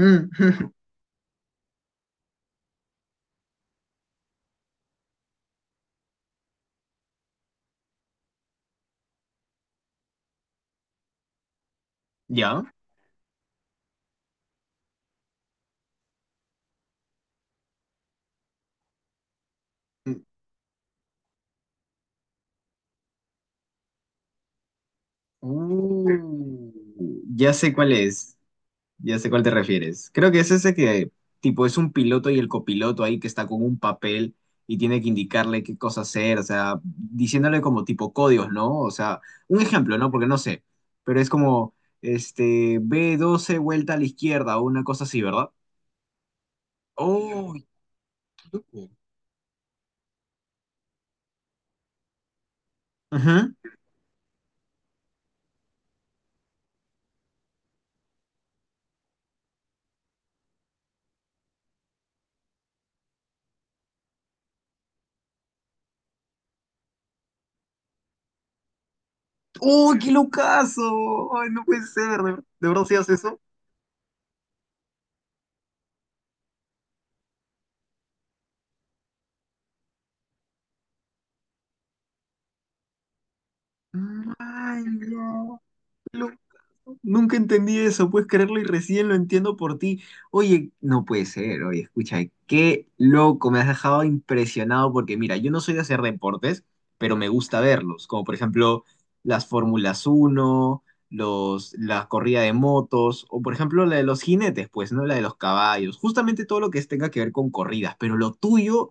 Mm. ¿Ya? Mm, uh, ya sé cuál es, ya sé cuál te refieres. Creo que es ese que, tipo, es un piloto y el copiloto ahí que está con un papel y tiene que indicarle qué cosa hacer, o sea, diciéndole como tipo códigos, ¿no? O sea, un ejemplo, ¿no? Porque no sé, pero es como, este, B12 vuelta a la izquierda o una cosa así, ¿verdad? ¡Oh! Ujú. ¡Oh, qué locazo! ¡Ay, no puede ser! ¿De verdad si haces eso? ¡Ay, no! Nunca entendí eso, puedes creerlo y recién lo entiendo por ti. Oye, no puede ser, oye, escucha, qué loco, me has dejado impresionado porque mira, yo no soy de hacer deportes, pero me gusta verlos, como por ejemplo las Fórmulas 1 los, la corrida de motos, o por ejemplo la de los jinetes, pues, ¿no? La de los caballos, justamente todo lo que tenga que ver con corridas, pero lo tuyo,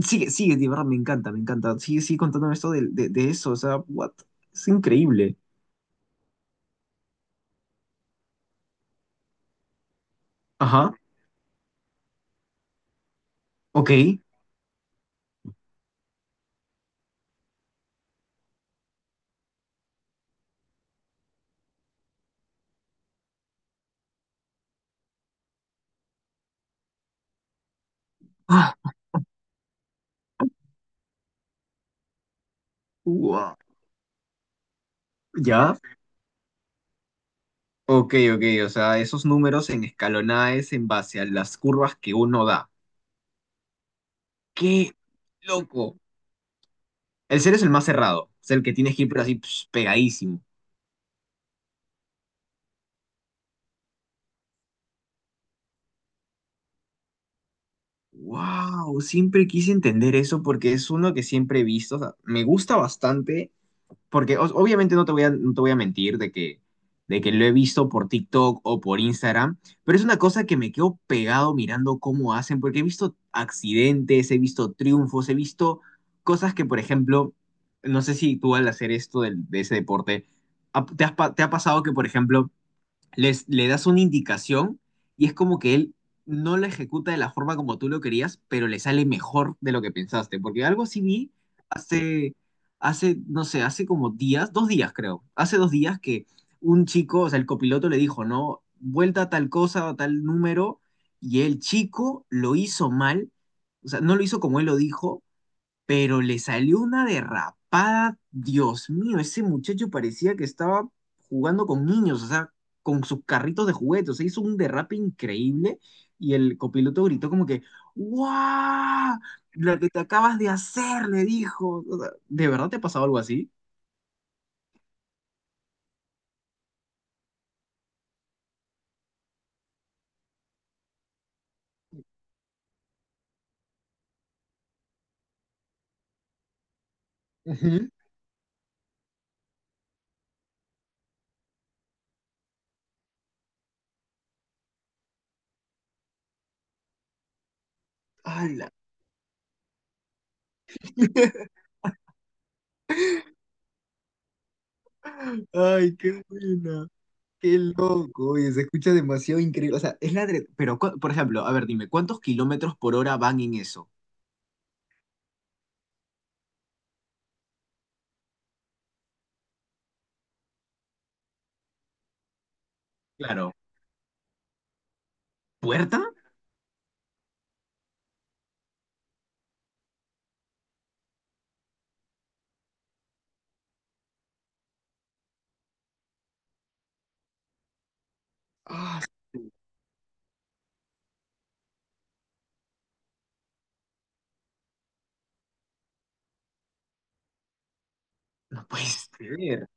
sigue, sigue, de verdad, me encanta, sigue, sigue contándome esto de eso, o sea, what, es increíble. Ajá, ok. Ah. Ua. ¿Ya? Ok, ok, o sea, esos números en escalonada es en base a las curvas que uno da. ¡Qué loco! El cero es el más cerrado, es el que tienes que ir pero así ps, pegadísimo. ¡Wow! Siempre quise entender eso porque es uno que siempre he visto, o sea, me gusta bastante porque obviamente no te voy a mentir de que, lo he visto por TikTok o por Instagram, pero es una cosa que me quedo pegado mirando cómo hacen, porque he visto accidentes, he visto triunfos, he visto cosas que, por ejemplo, no sé si tú al hacer esto de ese deporte, ¿te has te ha pasado que, por ejemplo, le das una indicación y es como que él no la ejecuta de la forma como tú lo querías, pero le sale mejor de lo que pensaste. Porque algo así vi hace, hace, no sé, hace como días, 2 días creo, hace 2 días que un chico, o sea, el copiloto le dijo, no, vuelta a tal cosa, a tal número, y el chico lo hizo mal, o sea, no lo hizo como él lo dijo, pero le salió una derrapada. Dios mío, ese muchacho parecía que estaba jugando con niños, o sea, con sus carritos de juguetes. O sea, hizo un derrape increíble y el copiloto gritó como que, ¡guau! La que te acabas de hacer, le dijo. O sea, ¿de verdad te ha pasado algo así? Ujú. ¡Hala! ¡Ay, qué buena! Qué loco, oye, se escucha demasiado increíble. O sea, es pero, por ejemplo, a ver, dime, ¿cuántos kilómetros por hora van en eso? Claro. ¿Puerta? Ah, no puede ser.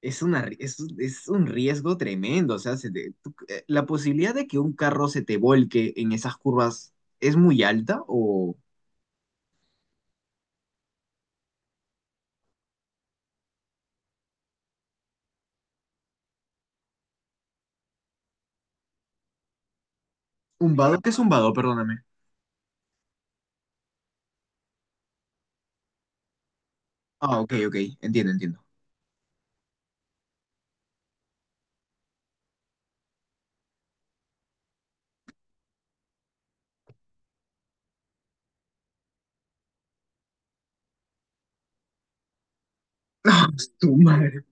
Es una, ri- es un riesgo tremendo. O sea, la posibilidad de que un carro se te volque en esas curvas es muy alta o... Un vado, ¿qué es un vado? Perdóname. Ah, ok, ok. Entiendo, entiendo. Ah, su madre.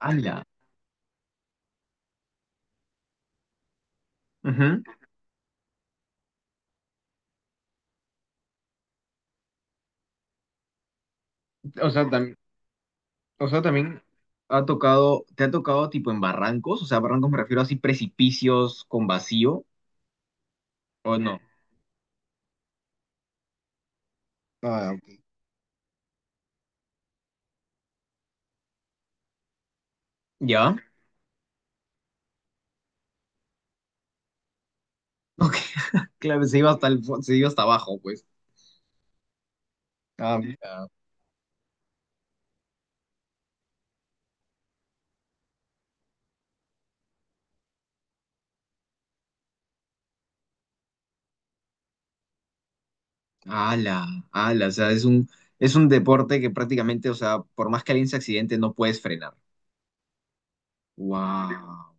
¡Hala! Ujú. O sea, tam- o sea, también ha tocado, ¿te ha tocado tipo en barrancos? O sea, barrancos me refiero a así precipicios con vacío, ¿o no? Ah, ok. ¿Ya? Ok, claro, se iba hasta se iba hasta abajo, pues. Ah. Ala, ala, o sea, es un deporte que prácticamente, o sea, por más que alguien se accidente, no puedes frenar. Wow.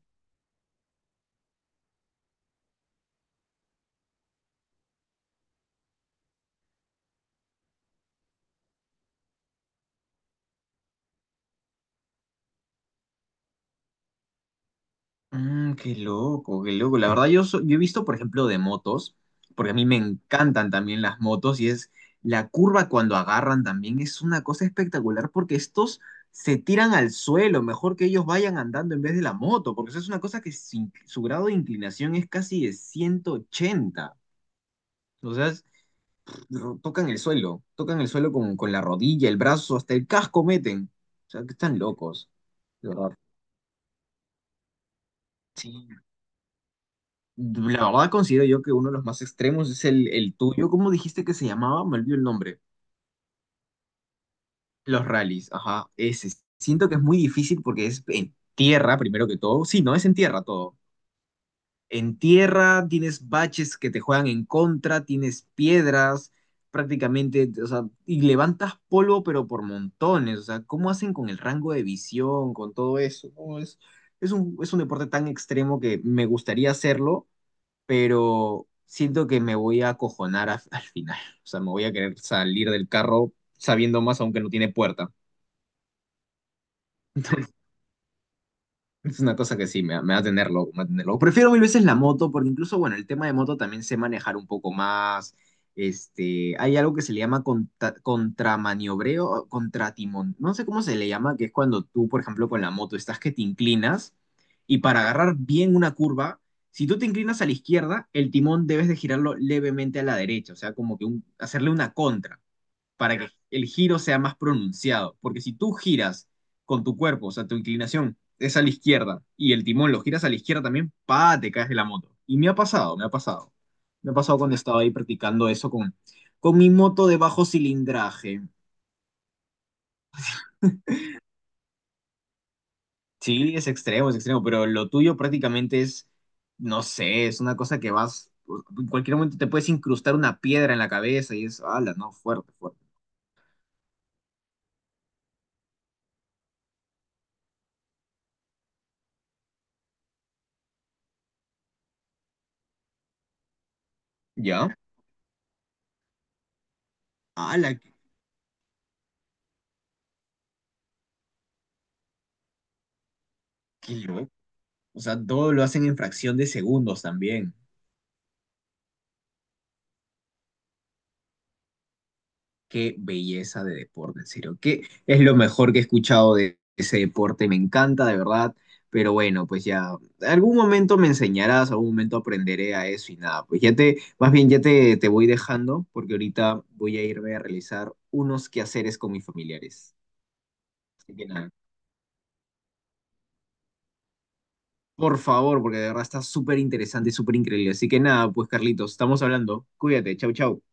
Mm, qué loco, qué loco. La verdad, yo he visto, por ejemplo, de motos, porque a mí me encantan también las motos, y es la curva cuando agarran también es una cosa espectacular, porque estos se tiran al suelo, mejor que ellos vayan andando en vez de la moto, porque eso es una cosa que su grado de inclinación es casi de 180. O sea, tocan el suelo con la rodilla, el brazo, hasta el casco meten. O sea, que están locos, de verdad. Sí. La verdad considero yo que uno de los más extremos es el tuyo. ¿Cómo dijiste que se llamaba? Me olvidé el nombre. Los rallies, ajá, ese. Siento que es muy difícil porque es en tierra, primero que todo. Sí, no, es en tierra todo, en tierra, tienes baches que te juegan en contra, tienes piedras, prácticamente, o sea, y levantas polvo, pero por montones. O sea, ¿cómo hacen con el rango de visión, con todo eso? No, es un deporte tan extremo que me gustaría hacerlo, pero siento que me voy a acojonar al final. O sea, me voy a querer salir del carro sabiendo más, aunque no tiene puerta. Es una cosa que sí, me va a tener loco, me va a tener loco. Prefiero mil veces la moto, porque incluso, bueno, el tema de moto también sé manejar un poco más. Este, hay algo que se le llama contramaniobreo, o contratimón. No sé cómo se le llama, que es cuando tú, por ejemplo, con la moto estás que te inclinas y para agarrar bien una curva, si tú te inclinas a la izquierda, el timón debes de girarlo levemente a la derecha, o sea, como que un- hacerle una contra para que el giro sea más pronunciado. Porque si tú giras con tu cuerpo, o sea, tu inclinación es a la izquierda y el timón lo giras a la izquierda también, pa, te caes de la moto. Y me ha pasado, me ha pasado. Me ha pasado cuando estaba ahí practicando eso con mi moto de bajo cilindraje. Sí, es extremo, pero lo tuyo prácticamente es, no sé, es una cosa que vas, en cualquier momento te puedes incrustar una piedra en la cabeza y es, ala, no, fuerte, fuerte. ¿Ya? Ala, qué, qué loco. O sea, todo lo hacen en fracción de segundos también. Qué belleza de deporte, en serio. Qué es lo mejor que he escuchado de ese deporte. Me encanta, de verdad. Pero bueno, pues ya, algún momento me enseñarás, algún momento aprenderé a eso y nada, pues ya te, más bien ya te voy dejando porque ahorita voy a irme a realizar unos quehaceres con mis familiares. Así que nada, por favor, porque de verdad está súper interesante, súper increíble. Así que nada, pues Carlitos, estamos hablando. Cuídate, chau, chau.